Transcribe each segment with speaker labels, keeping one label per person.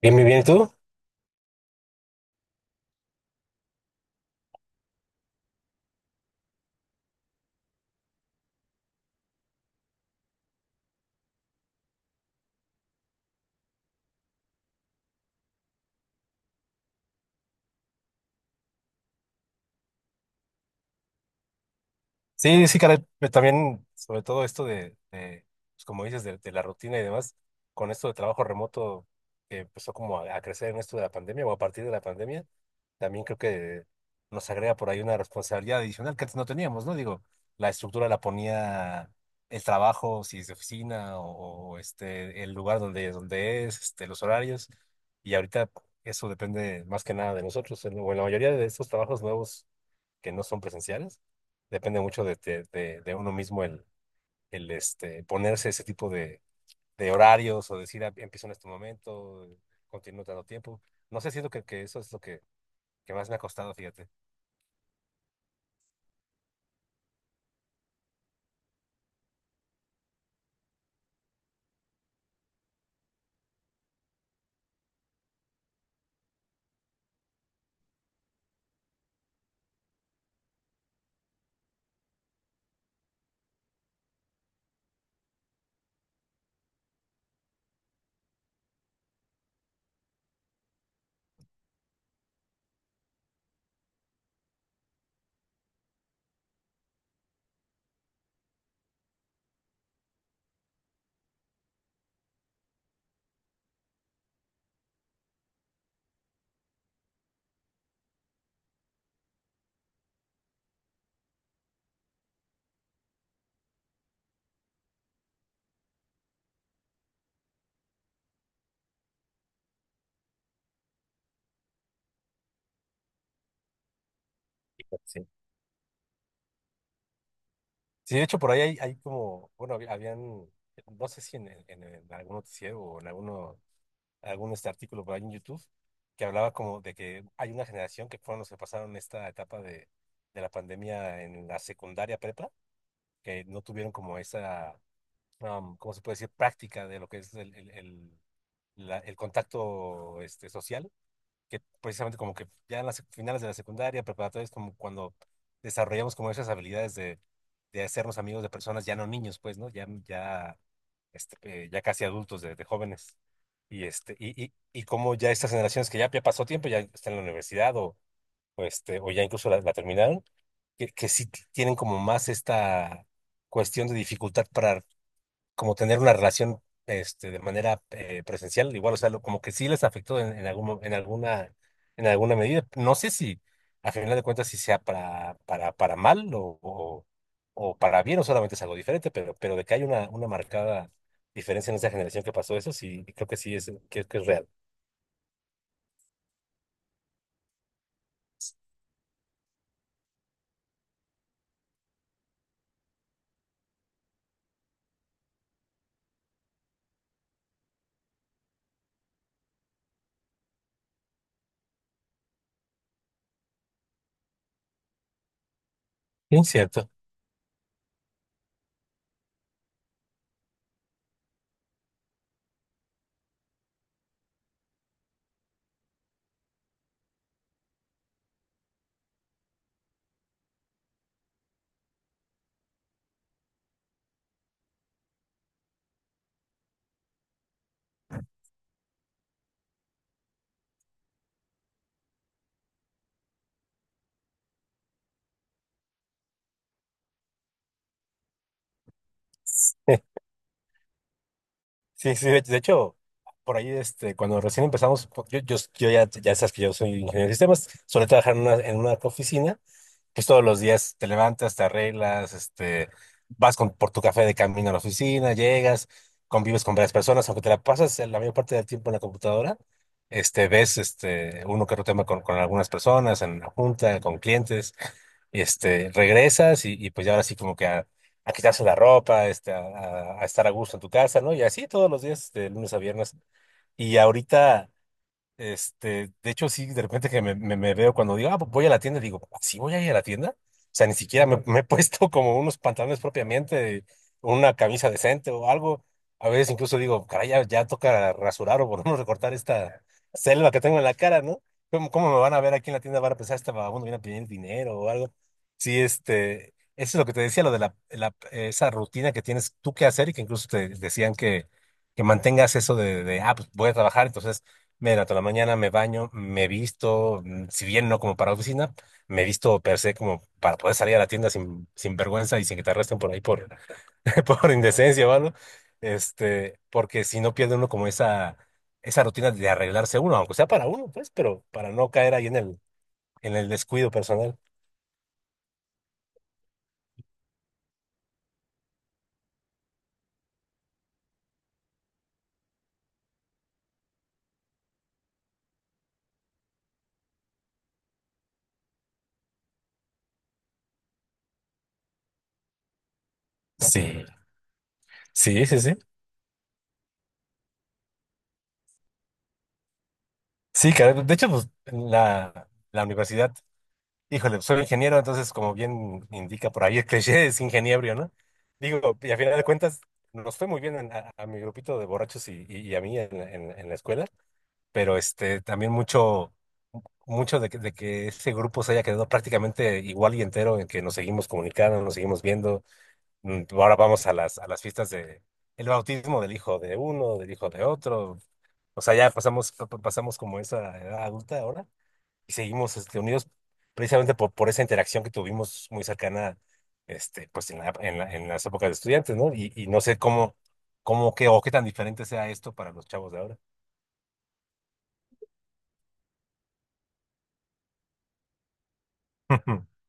Speaker 1: Bien, bien, bien. ¿Y tú? Sí, sí, caray. Pero también, sobre todo esto de, pues como dices, de la rutina y demás, con esto de trabajo remoto que empezó como a crecer en esto de la pandemia o a partir de la pandemia, también creo que nos agrega por ahí una responsabilidad adicional que antes no teníamos, ¿no? Digo, la estructura la ponía el trabajo, si es de oficina el lugar donde es, los horarios, y ahorita eso depende más que nada de nosotros. O en la mayoría de estos trabajos nuevos que no son presenciales. Depende mucho de uno mismo el ponerse ese tipo de, horarios o decir, "Ah, empiezo en este momento, continúo tanto tiempo". No sé, siento que eso es lo que más me ha costado, fíjate. Sí. Sí, de hecho, por ahí hay como, bueno, habían, no sé si en algún noticiero o en algún artículo por ahí en YouTube, que hablaba como de que hay una generación que fueron los que pasaron esta etapa de, la pandemia en la secundaria prepa, que no tuvieron como esa ¿cómo se puede decir? Práctica de lo que es el contacto social, que precisamente como que ya en las finales de la secundaria, preparatoria, es como cuando desarrollamos como esas habilidades de, hacernos amigos de personas, ya no niños, pues, ¿no? Ya casi adultos, de, jóvenes. Y como ya estas generaciones que ya pasó tiempo, ya están en la universidad o ya incluso la terminaron, que sí tienen como más esta cuestión de dificultad para como tener una relación de manera presencial, igual, o sea, como que sí les afectó en algún, mo- en alguna medida. No sé si, a final de cuentas, si sea para mal o para bien, o solamente es algo diferente, pero, de que hay una marcada diferencia en esa generación que pasó eso, sí, creo que sí es, que es real. Sí, cierto. Sí, sí, de, hecho, por ahí, cuando recién empezamos, ya sabes que yo soy ingeniero de sistemas, solía trabajar en una oficina. Es todos los días, te levantas, te arreglas, vas por tu café de camino a la oficina, llegas, convives con varias personas, aunque te la pasas la mayor parte del tiempo en la computadora, ves uno que otro tema con algunas personas, en la junta, con clientes, y, regresas y pues ya ahora sí como que a quitarse la ropa, a estar a gusto en tu casa, ¿no? Y así todos los días, de lunes a viernes. Y ahorita de hecho, sí, de repente que me veo cuando digo, ah, pues voy a la tienda, digo, ¿sí voy a ir a la tienda? O sea, ni siquiera me he puesto como unos pantalones propiamente, una camisa decente o algo. A veces incluso digo, caray, ya toca rasurar o por lo menos recortar esta selva que tengo en la cara, ¿no? Cómo me van a ver aquí en la tienda? Van a pensar, este vagabundo viene a pedir dinero o algo. Sí, eso es lo que te decía, lo de la, esa rutina que tienes tú que hacer y que incluso te decían que mantengas eso de, ah, pues voy a trabajar, entonces, mira, toda la mañana me baño, me visto, si bien no como para oficina, me visto per se como para poder salir a la tienda sin vergüenza y sin que te arresten por ahí por, por indecencia o algo. Porque si no pierde uno como esa rutina de arreglarse uno, aunque sea para uno, pues, pero para no caer ahí en el, descuido personal. Sí, sí, sí, sí. Sí, caray, de hecho, pues la, universidad. Híjole, soy ingeniero, entonces como bien indica por ahí el cliché, es ingeniero, ¿no? Digo, y a final de cuentas nos fue muy bien a mi grupito de borrachos y a mí en la escuela, pero también mucho de que ese grupo se haya quedado prácticamente igual y entero, en que nos seguimos comunicando, nos seguimos viendo. Ahora vamos a las, fiestas de el bautismo del hijo de uno, del hijo de otro. O sea, ya pasamos como esa edad adulta ahora y seguimos unidos precisamente por esa interacción que tuvimos muy cercana pues en las épocas de estudiantes, ¿no? Y no sé cómo, cómo qué, o qué tan diferente sea esto para los chavos de ahora.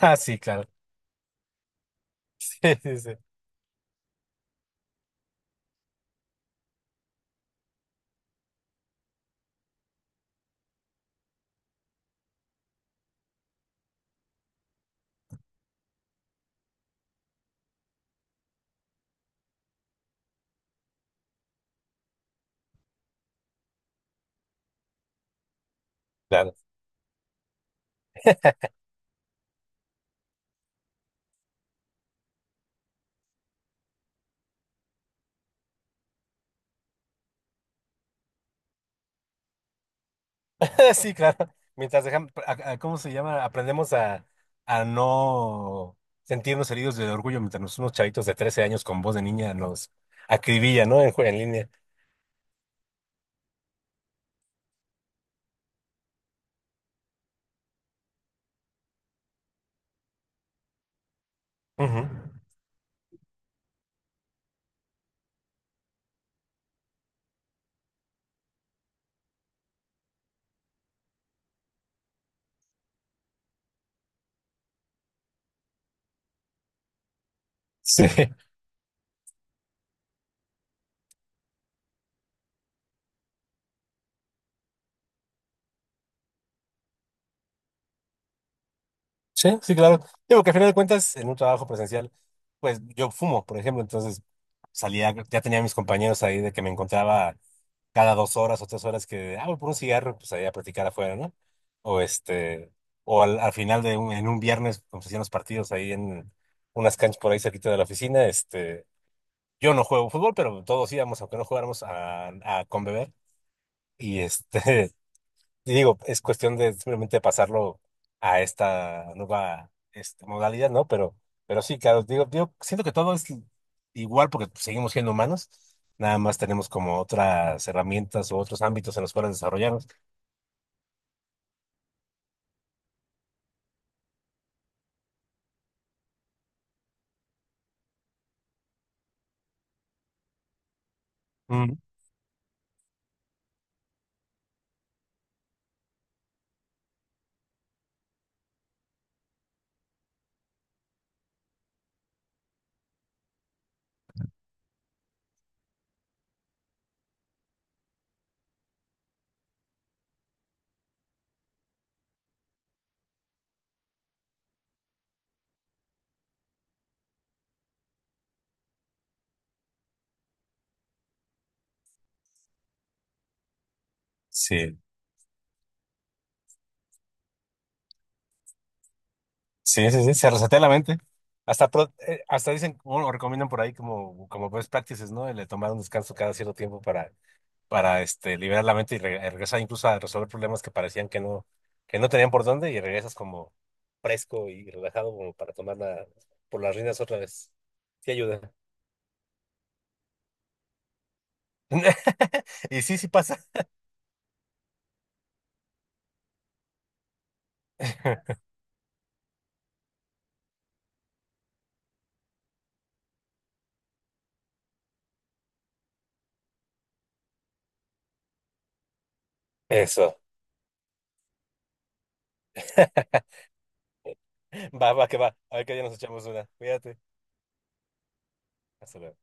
Speaker 1: Ah, sí, claro. Sí, sí, sí. Claro. Sí, claro. Mientras dejamos, ¿cómo se llama? Aprendemos a, no sentirnos heridos de orgullo mientras unos chavitos de 13 años con voz de niña nos acribillan, ¿no? En línea. Ujú. Sí. Sí, sí, claro. Digo que a final de cuentas, en un trabajo presencial, pues yo fumo, por ejemplo, entonces salía, ya tenía a mis compañeros ahí de que me encontraba cada 2 horas o 3 horas que, ah, voy por un cigarro, pues ahí a platicar afuera, ¿no? O o al final de un, en un viernes, como se hacían los partidos ahí en unas canchas por ahí cerquita de la oficina, yo no juego fútbol, pero todos íbamos, aunque no jugáramos, a, con beber. Y este, y digo, es cuestión de simplemente pasarlo a esta nueva modalidad, ¿no? Pero sí, claro, digo, siento que todo es igual porque seguimos siendo humanos, nada más tenemos como otras herramientas o otros ámbitos en los cuales desarrollarnos. Mm, sí, sí, sí, sí, se resetea la mente. Hasta dicen, bueno, recomiendan por ahí como, best practices, ¿no? El de tomar un descanso cada cierto tiempo para liberar la mente y regresar incluso a resolver problemas que parecían que no, tenían por dónde y regresas como fresco y relajado como para tomar por las riendas otra vez. Sí ayuda. Y sí, sí pasa. Eso. Va, va, que va. A ver que ya nos echamos una. Cuídate. Hasta luego.